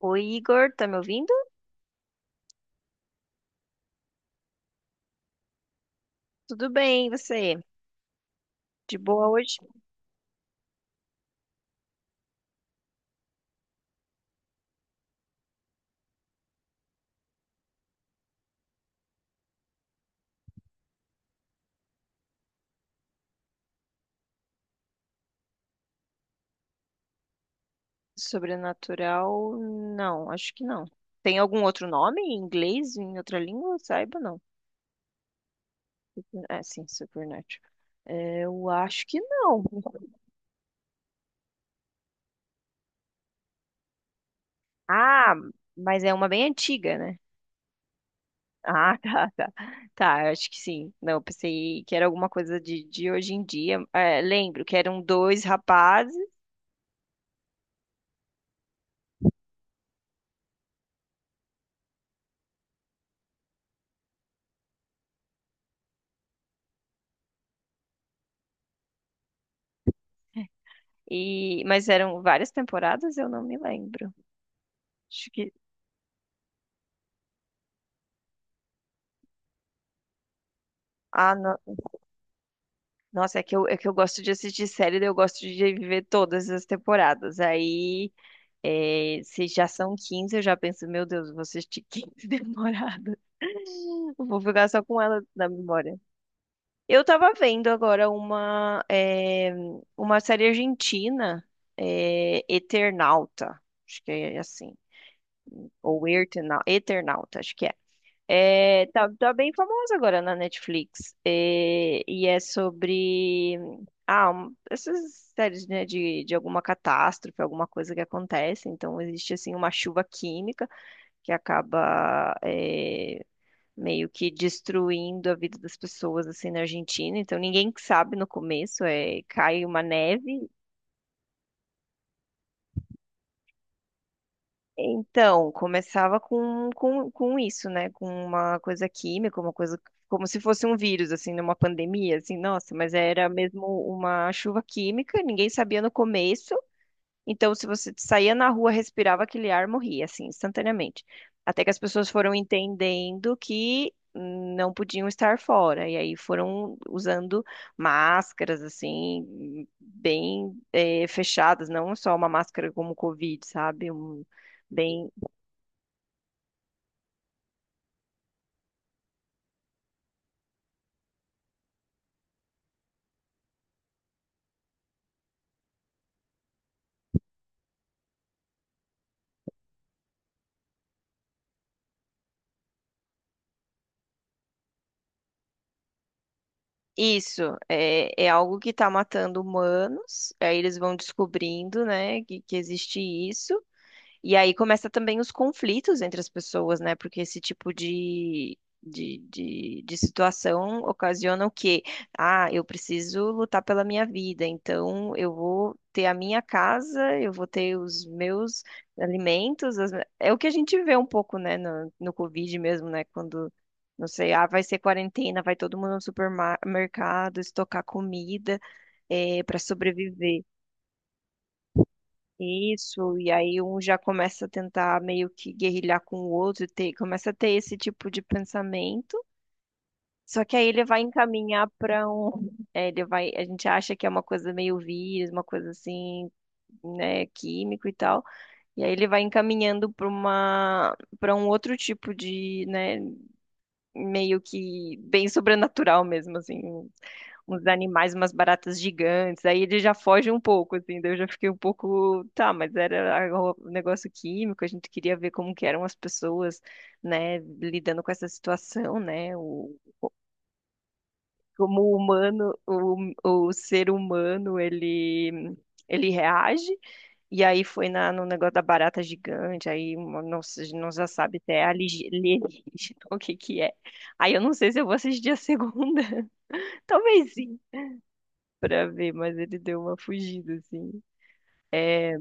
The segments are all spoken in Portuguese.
Oi, Igor, tá me ouvindo? Tudo bem, e você? De boa hoje? Sobrenatural? Não, acho que não. Tem algum outro nome em inglês, em outra língua? Saiba, não. É, sim, Supernatural. É, eu acho que não. Ah, mas é uma bem antiga, né? Ah, tá, tá. Tá, eu acho que sim. Não, eu pensei que era alguma coisa de hoje em dia. É, lembro que eram dois rapazes, mas eram várias temporadas, eu não me lembro. Acho que. Ah, não. Nossa, é que eu gosto de assistir série, daí eu gosto de viver todas as temporadas. Aí, é, se já são 15 eu já penso, meu Deus, vou assistir 15 temporadas. Eu vou ficar só com ela na memória. Eu tava vendo agora uma, é, uma série argentina, é, Eternauta. Acho que é assim. Ou Eternauta, Eternauta, acho que é. É, tá, tá bem famosa agora na Netflix. É, e é sobre ah, essas séries, né, de alguma catástrofe, alguma coisa que acontece. Então existe assim uma chuva química que acaba meio que destruindo a vida das pessoas assim na Argentina. Então ninguém sabe no começo, cai uma neve. Então, começava com isso, né? Com uma coisa química, uma coisa como se fosse um vírus, assim, numa pandemia, assim, nossa, mas era mesmo uma chuva química, ninguém sabia no começo. Então, se você saía na rua, respirava aquele ar, morria, assim, instantaneamente. Até que as pessoas foram entendendo que não podiam estar fora, e aí foram usando máscaras, assim, bem fechadas, não só uma máscara como o Covid, sabe? Bem. Isso é algo que está matando humanos. Aí eles vão descobrindo, né, que existe isso. E aí começa também os conflitos entre as pessoas, né? Porque esse tipo de situação ocasiona o quê? Ah, eu preciso lutar pela minha vida, então eu vou ter a minha casa, eu vou ter os meus alimentos. As É o que a gente vê um pouco, né, no Covid mesmo, né? Quando, não sei, ah, vai ser quarentena, vai todo mundo no supermercado estocar comida, para sobreviver. Isso, e aí um já começa a tentar meio que guerrilhar com o outro, e ter, começa a ter esse tipo de pensamento. Só que aí ele vai encaminhar para um, ele vai, a gente acha que é uma coisa meio vírus, uma coisa assim, né, químico e tal. E aí ele vai encaminhando para um outro tipo de, né, meio que bem sobrenatural mesmo, assim, uns animais, umas baratas gigantes. Aí ele já foge um pouco, assim, daí eu já fiquei um pouco, tá, mas era um negócio químico, a gente queria ver como que eram as pessoas, né, lidando com essa situação, né? Como o ser humano, ele reage. E aí foi no negócio da barata gigante, aí não, não já sabe se é alienígena, o que que é. Aí eu não sei se eu vou assistir a segunda. Talvez sim, pra ver, mas ele deu uma fugida, assim. É,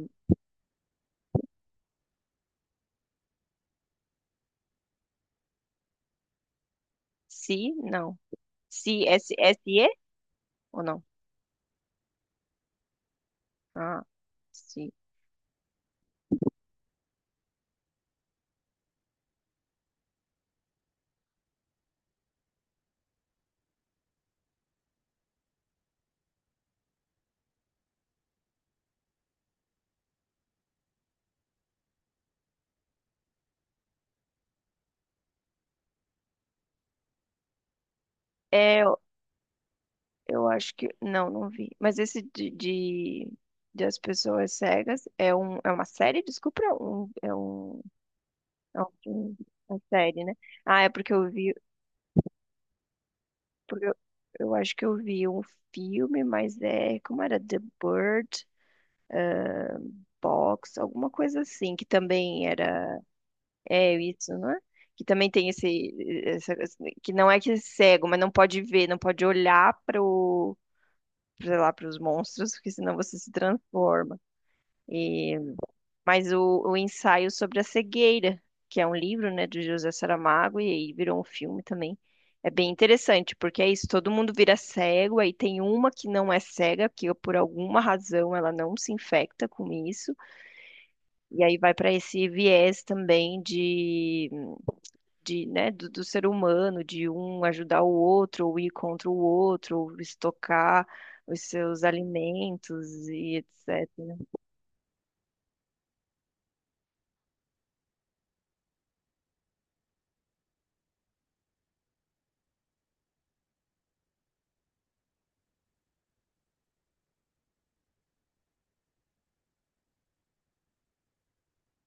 se, não. Se, S, E ou não? Ah, sim. Eu acho que. Não, não vi. Mas esse de As Pessoas Cegas é uma série? Desculpa, é um filme, uma série, né? Ah, é porque eu vi. Porque eu acho que eu vi um filme, mas é. Como era? The Bird Box, alguma coisa assim, que também era. É isso, não é? Que também tem esse, essa- que não é que é cego, mas não pode ver, não pode olhar para o sei lá, para os monstros, porque senão você se transforma. e Mas o ensaio sobre a cegueira, que é um livro, né, do José Saramago, e aí virou um filme também. É bem interessante, porque é isso, todo mundo vira cego, aí tem uma que não é cega, que por alguma razão ela não se infecta com isso, e aí vai para esse viés também de, né, do ser humano, de um ajudar o outro, ou ir contra o outro, ou estocar os seus alimentos e etc.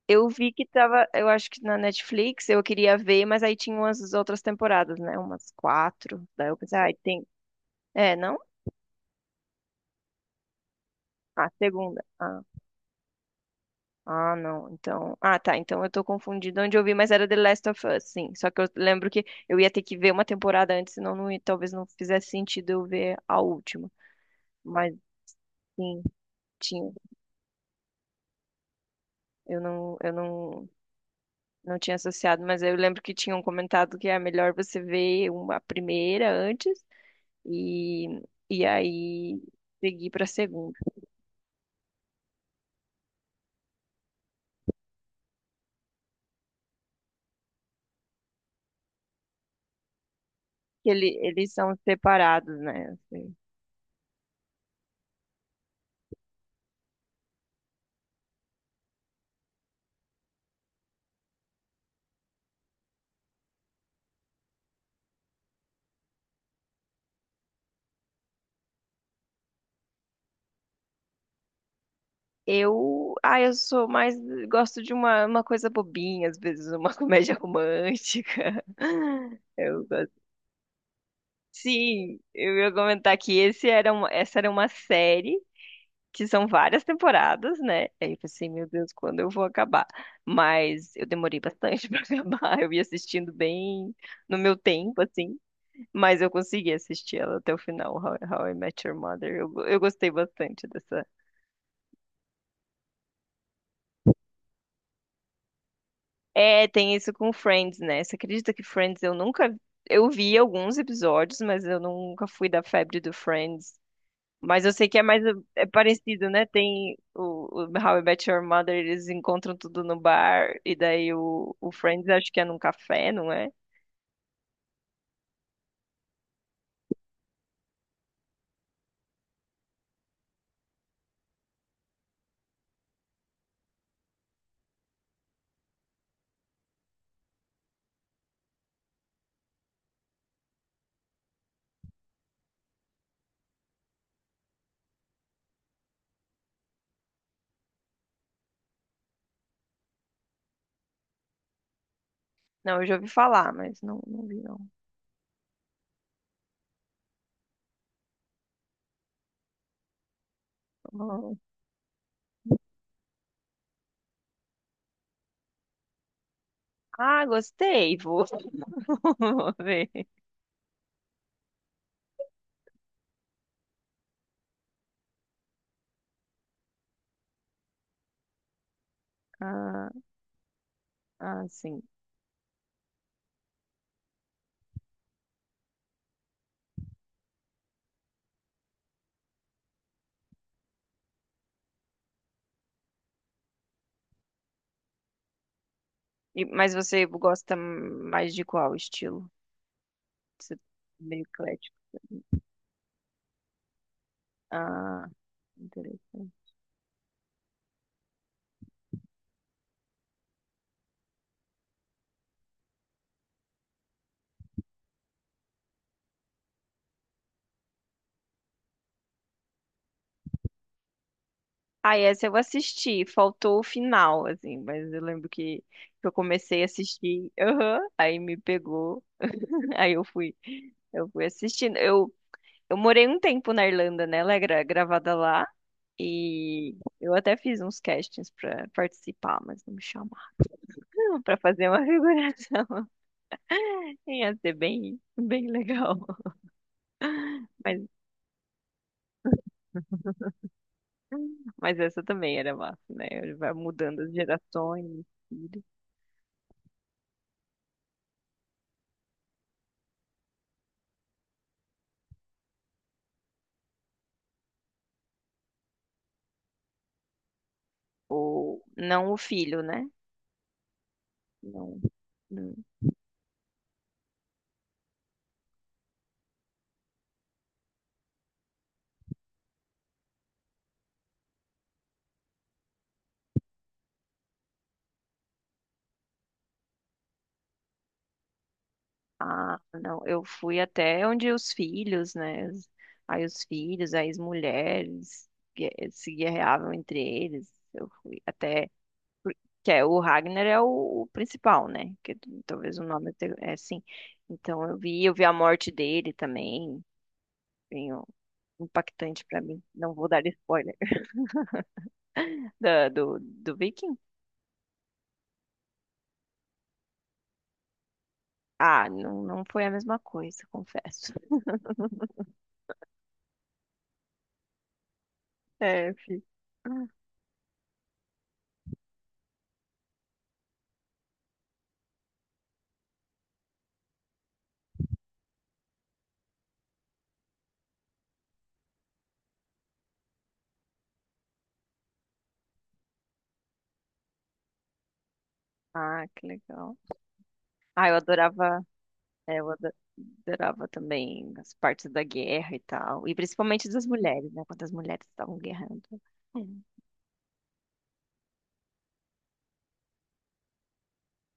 Eu vi que tava, eu acho que na Netflix eu queria ver, mas aí tinha umas outras temporadas, né? Umas quatro. Daí eu pensei, ai, tem. É, não? Ah, segunda. Ah, não. Então. Ah, tá. Então eu tô confundida onde eu vi, mas era The Last of Us, sim. Só que eu lembro que eu ia ter que ver uma temporada antes, senão não, talvez não fizesse sentido eu ver a última. Mas sim, tinha. Eu não, não tinha associado, mas eu lembro que tinham comentado que é melhor você ver uma primeira antes. E, e aí segui para segunda. Eles são separados, né? Assim. Eu sou mais, gosto de uma coisa bobinha, às vezes uma comédia romântica. Eu gosto. Sim, eu ia comentar que essa era uma série que são várias temporadas, né? Aí eu pensei, meu Deus, quando eu vou acabar? Mas eu demorei bastante para acabar. Eu ia assistindo bem no meu tempo, assim. Mas eu consegui assistir ela até o final, How I Met Your Mother. Eu gostei bastante dessa. É, tem isso com Friends, né? Você acredita que Friends eu nunca. Eu vi alguns episódios, mas eu nunca fui da febre do Friends. Mas eu sei que é mais é parecido, né? Tem o How I Met Your Mother, eles encontram tudo no bar, e daí o Friends acho que é num café, não é? Não, eu já ouvi falar, mas não, não vi, não. Ah, gostei, vou, vou ver. Ah. Ah, sim. Mas você gosta mais de qual estilo? É meio eclético. Ah, interessante. Ah, essa eu assisti. Faltou o final, assim. Mas eu lembro que eu comecei a assistir. Aham, aí me pegou. Aí eu fui assistindo. Eu morei um tempo na Irlanda, né? Ela é gravada lá. E eu até fiz uns castings pra participar, mas não me chamaram pra fazer uma figuração. Ia ser bem, bem legal. Mas Mas essa também era massa, né? Ele vai mudando as gerações, o filho. Ou não o filho, né? Não, não. Ah, não. Eu fui até onde os filhos, né? Aí os filhos, aí as mulheres se guerreavam entre eles. Eu fui até. por- Que é, o Ragnar é o principal, né? Que talvez o nome é assim. Então eu vi a morte dele também. Bem ó, impactante pra mim. Não vou dar spoiler. Do, do Viking? Ah, não, não foi a mesma coisa, confesso. É, fi. Ah, que legal. Ah, eu adorava, é, eu ado- adorava também as partes da guerra e tal. E principalmente das mulheres, né? Quando as mulheres estavam guerrando.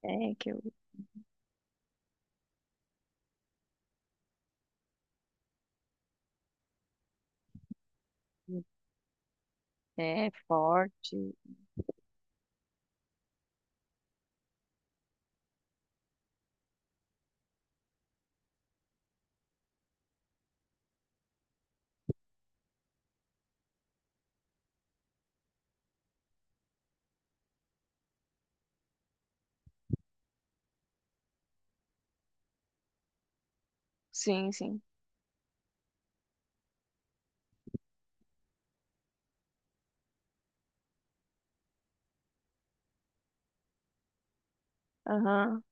É, que eu. É, forte. Sim, sim. Aham.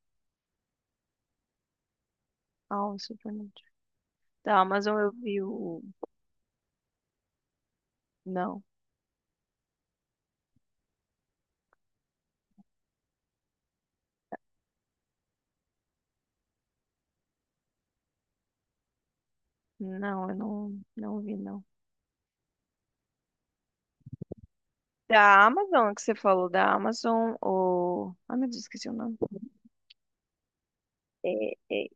Ah, o Supernatural. Tá, mas eu vi o. Não. Não, eu não, não vi, não. Da Amazon, que você falou da Amazon, ou. Ai, meu Deus, esqueci o nome. É, é-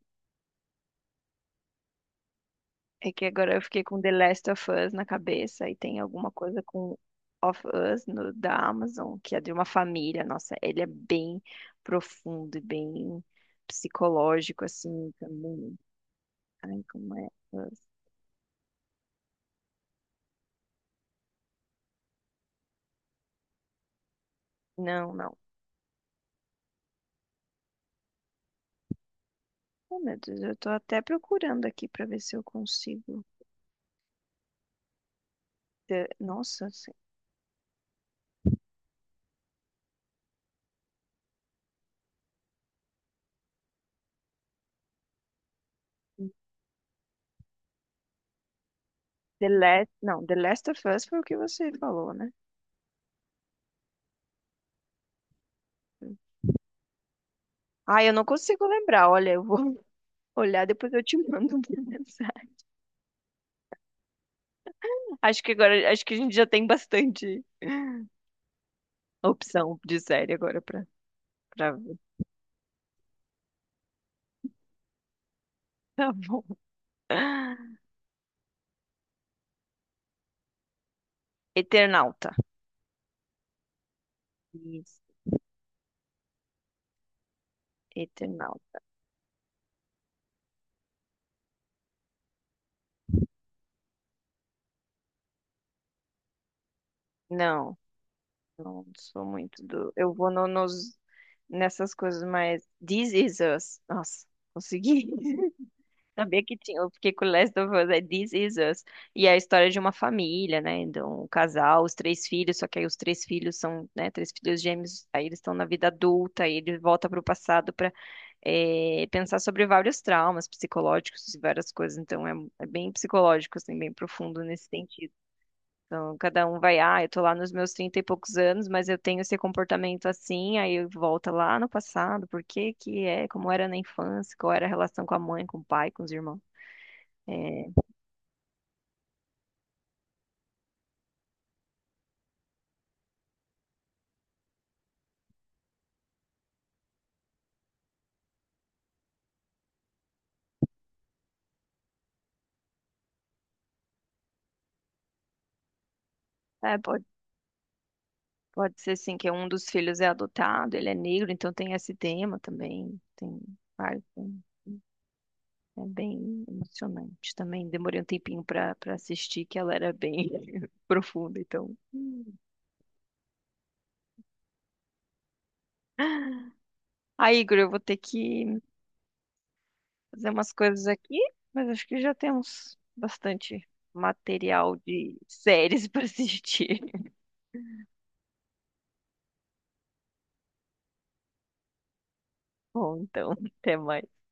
é que agora eu fiquei com The Last of Us na cabeça e tem alguma coisa com Of Us no, da Amazon, que é de uma família. Nossa, ele é bem profundo e bem psicológico, assim, também. Ai, como é? Us. Não, não. Oh, meu Deus, eu tô até procurando aqui pra ver se eu consigo. Nossa, se. The Last. Não, The Last of Us foi o que você falou, né? Ai, eu não consigo lembrar. Olha, eu vou olhar, depois eu te mando uma mensagem. Acho que agora, acho que a gente já tem bastante opção de série agora pra ver. Tá bom. Eternauta. Isso. Eternauta. Não, não sou muito do. Eu vou nos, nessas coisas mais. This is us. Nossa, consegui. Sabia que tinha, eu fiquei com Last of Us, é This Is Us. E é a história de uma família, né? De um casal, os três filhos, só que aí os três filhos são, né, três filhos gêmeos, aí eles estão na vida adulta, aí ele volta para o passado para pensar sobre vários traumas psicológicos e várias coisas. Então é bem psicológico, assim, bem profundo nesse sentido. Então, cada um vai, ah, eu tô lá nos meus 30 e poucos anos, mas eu tenho esse comportamento assim, aí volta lá no passado, por que que é, como era na infância, qual era a relação com a mãe, com o pai, com os irmãos. É, pode, pode ser sim que um dos filhos é adotado, ele é negro, então tem esse tema também. Tem vários, é bem emocionante também. Demorei um tempinho para assistir, que ela era bem profunda, então. Aí, Igor, eu vou ter que fazer umas coisas aqui, mas acho que já temos bastante material de séries para assistir. Bom, então, até mais.